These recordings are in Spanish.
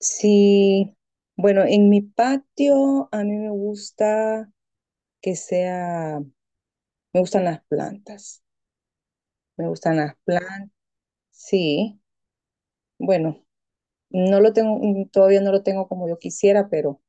Sí, bueno, en mi patio a mí me gusta que sea, me gustan las plantas, me gustan las plantas, sí, bueno, no lo tengo, todavía no lo tengo como yo quisiera, pero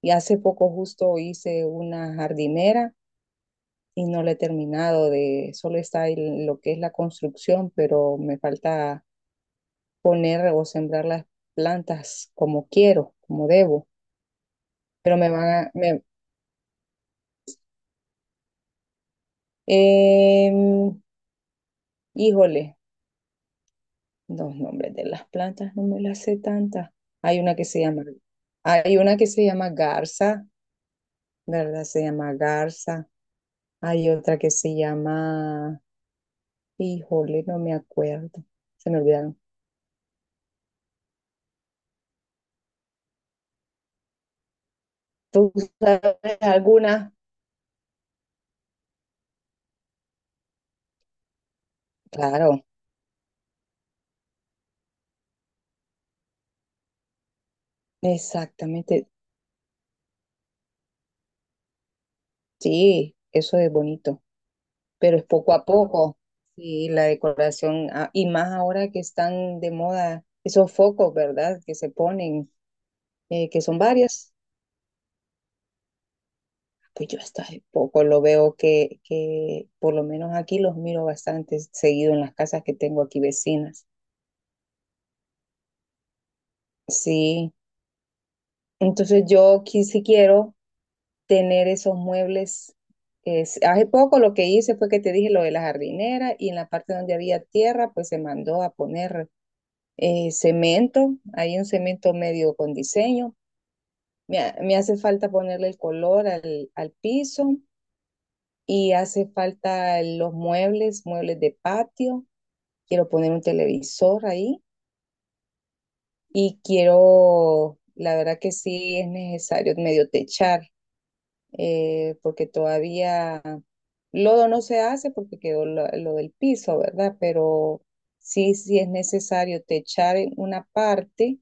y hace poco justo hice una jardinera y no la he terminado solo está ahí lo que es la construcción, pero me falta poner o sembrar las plantas como quiero, como debo, pero me van a, me, Em, híjole, los nombres de las plantas no me las sé tantas. Hay una que se llama, hay una que se llama garza, ¿verdad? Se llama garza. Hay otra que se llama, híjole, no me acuerdo. Se me olvidaron. ¿Tú sabes alguna? Claro, exactamente. Sí, eso es bonito, pero es poco a poco. Sí, la decoración, ah, y más ahora que están de moda esos focos, ¿verdad? Que se ponen que son varias, pues yo hasta hace poco lo veo que por lo menos aquí los miro bastante seguido en las casas que tengo aquí vecinas. Sí, entonces sí quiero tener esos muebles. Hace poco lo que hice fue que te dije lo de la jardinera y en la parte donde había tierra, pues se mandó a poner cemento, hay un cemento medio con diseño. Me hace falta ponerle el color al piso y hace falta los muebles, muebles de patio. Quiero poner un televisor ahí y quiero, la verdad que sí es necesario medio techar, porque todavía lodo no se hace porque quedó lo del piso, ¿verdad? Pero sí, sí es necesario techar en una parte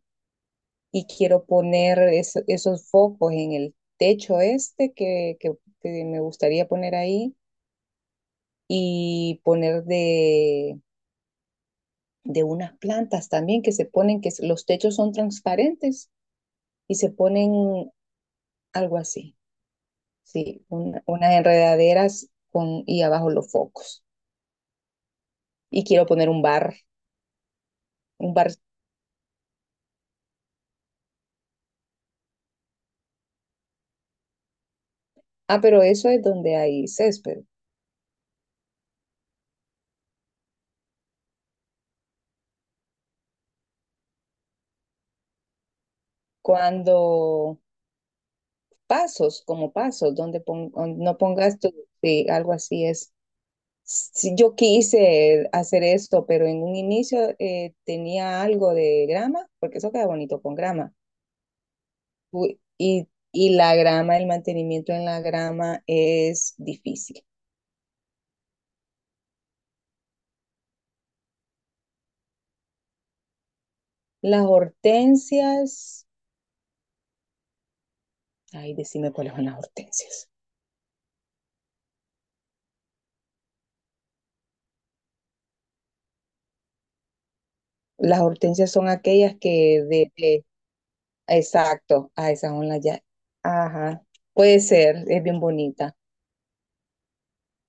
y quiero poner esos focos en el techo este que me gustaría poner ahí y poner de unas plantas también que se ponen, que los techos son transparentes y se ponen algo así, sí, unas enredaderas con, y abajo los focos. Y quiero poner un bar, ah, pero eso es donde hay césped. Cuando pasos, como pasos, donde no pongas tu, sí, algo así es. Sí, yo quise hacer esto, pero en un inicio tenía algo de grama, porque eso queda bonito con grama. Uy, y la grama, el mantenimiento en la grama es difícil. Las hortensias, ay, decime cuáles son las hortensias. Las hortensias son aquellas que de- exacto, ah esas son las ya. Ajá, puede ser, es bien bonita.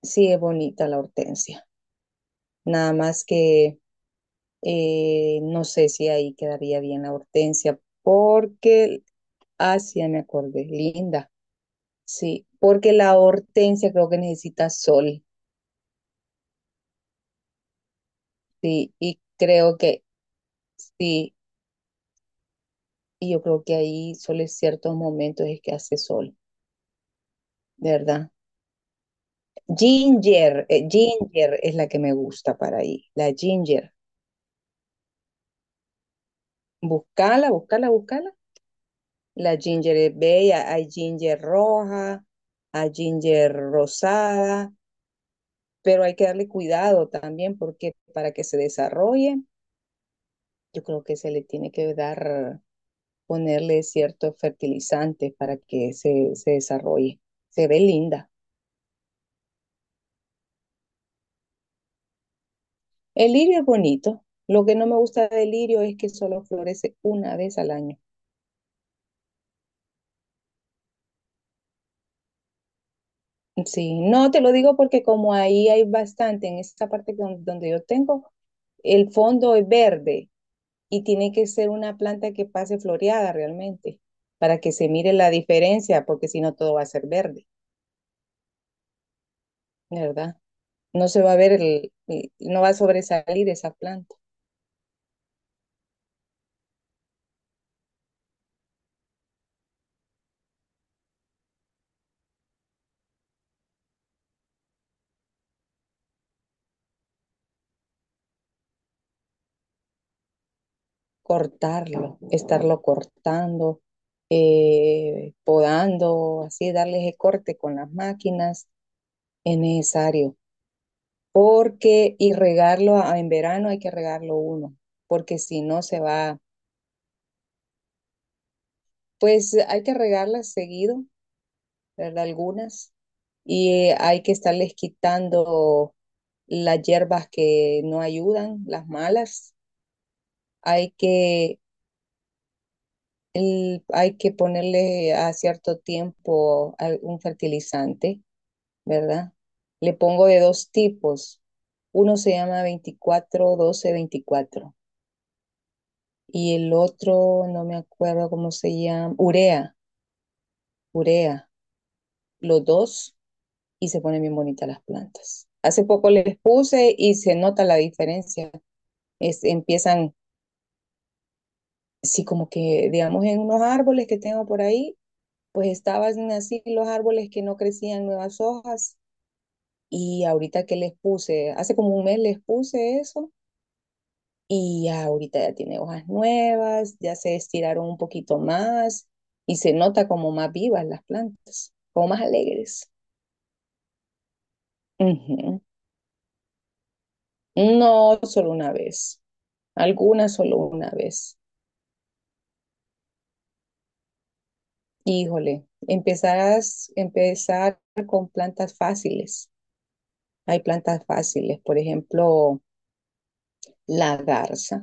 Sí, es bonita la hortensia. Nada más que no sé si ahí quedaría bien la hortensia, porque, ah, sí, ya me acordé, linda. Sí, porque la hortensia creo que necesita sol, sí, y creo que sí, y yo creo que ahí solo en ciertos momentos es que hace sol, de ¿verdad? Ginger, ginger es la que me gusta para ahí, la ginger. Buscala, buscala, buscala. La ginger es bella, hay ginger roja, hay ginger rosada, pero hay que darle cuidado también porque para que se desarrolle. Yo creo que se le tiene que dar, ponerle ciertos fertilizantes para que se desarrolle. Se ve linda. El lirio es bonito. Lo que no me gusta del lirio es que solo florece una vez al año. Sí, no te lo digo porque como ahí hay bastante, en esta parte donde yo tengo, el fondo es verde y tiene que ser una planta que pase floreada realmente para que se mire la diferencia, porque si no todo va a ser verde, ¿verdad? No se va a ver, no va a sobresalir esa planta. Cortarlo, estarlo cortando, podando, así, darle ese corte con las máquinas es necesario. Porque, y regarlo en verano hay que regarlo uno, porque si no se va, pues hay que regarlas seguido, ¿verdad? Algunas, y hay que estarles quitando las hierbas que no ayudan, las malas. Hay que hay que ponerle a cierto tiempo un fertilizante, ¿verdad? Le pongo de dos tipos. Uno se llama 24-12-24 y el otro, no me acuerdo cómo se llama, urea, urea, los dos y se ponen bien bonitas las plantas. Hace poco les puse y se nota la diferencia. Empiezan, sí, como que, digamos, en unos árboles que tengo por ahí, pues estaban así los árboles que no crecían nuevas hojas. Y ahorita que les puse, hace como un mes les puse eso y ya ahorita ya tiene hojas nuevas, ya se estiraron un poquito más y se nota como más vivas las plantas, como más alegres. Ujú. No solo una vez, algunas solo una vez. Híjole, empezás, empezar con plantas fáciles. Hay plantas fáciles, por ejemplo, la garza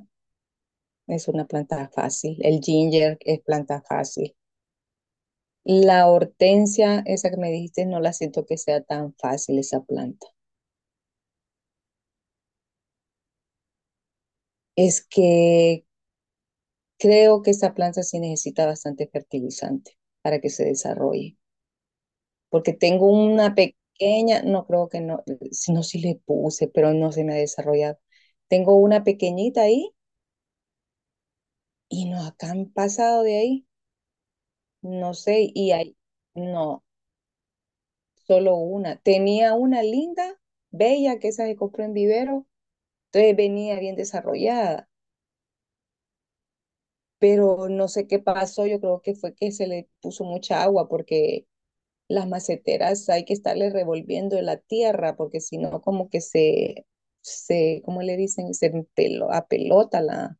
es una planta fácil, el ginger es planta fácil. La hortensia, esa que me dijiste, no la siento que sea tan fácil esa planta. Es que creo que esa planta sí necesita bastante fertilizante para que se desarrolle. Porque tengo una pequeña, no creo que no, si no, sí le puse, pero no se me ha desarrollado. Tengo una pequeñita ahí y no, acá han pasado de ahí, no sé, y hay, no, solo una. Tenía una linda, bella, que esa que compré en vivero, entonces venía bien desarrollada pero no sé qué pasó, yo creo que fue que se le puso mucha agua porque las maceteras hay que estarle revolviendo la tierra porque si no como que ¿cómo le dicen? Se pelo, apelota la,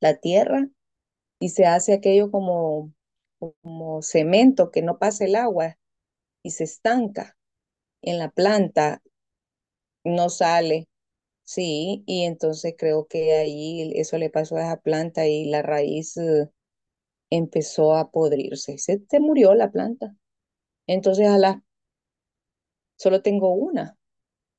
la tierra y se hace aquello como, como cemento que no pasa el agua y se estanca en la planta, no sale. Sí, y entonces creo que ahí eso le pasó a esa planta y la raíz empezó a podrirse. Se murió la planta. Entonces, solo tengo una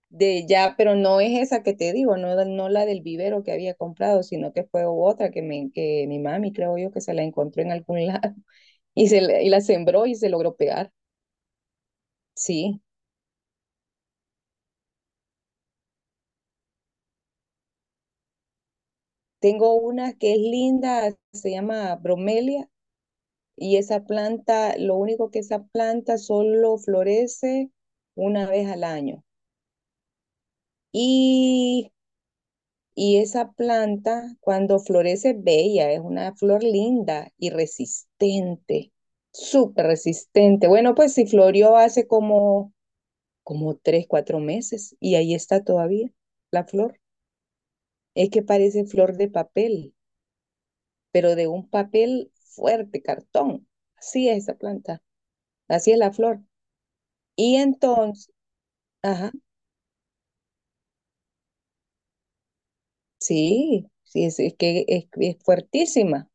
de ya, pero no es esa que te digo, no, no la del vivero que había comprado, sino que fue otra que mi mami, creo yo, que se la encontró en algún lado y, y la sembró y se logró pegar. Sí, tengo una que es linda, se llama bromelia y esa planta, lo único que esa planta solo florece una vez al año. Y Y esa planta, cuando florece, es bella, es una flor linda y resistente, súper resistente. Bueno, pues si florió hace como 3, 4 meses y ahí está todavía la flor. Es que parece flor de papel, pero de un papel fuerte, cartón. Así es esa planta, así es la flor. Y entonces, ajá, sí, sí, es que es fuertísima.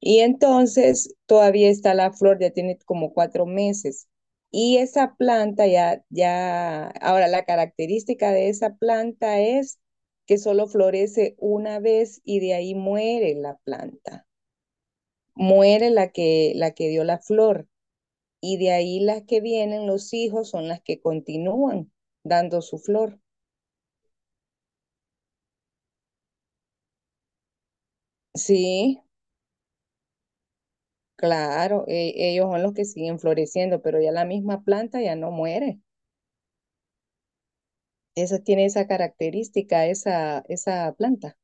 Y entonces todavía está la flor, ya tiene como 4 meses. Y esa planta ahora la característica de esa planta es que solo florece una vez y de ahí muere la planta, muere la que dio la flor. Y de ahí las que vienen, los hijos, son las que continúan dando su flor. Sí, claro, ellos son los que siguen floreciendo, pero ya la misma planta ya no muere. Esa tiene esa característica, esa planta.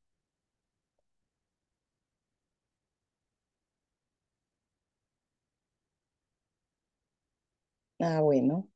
Ah, bueno.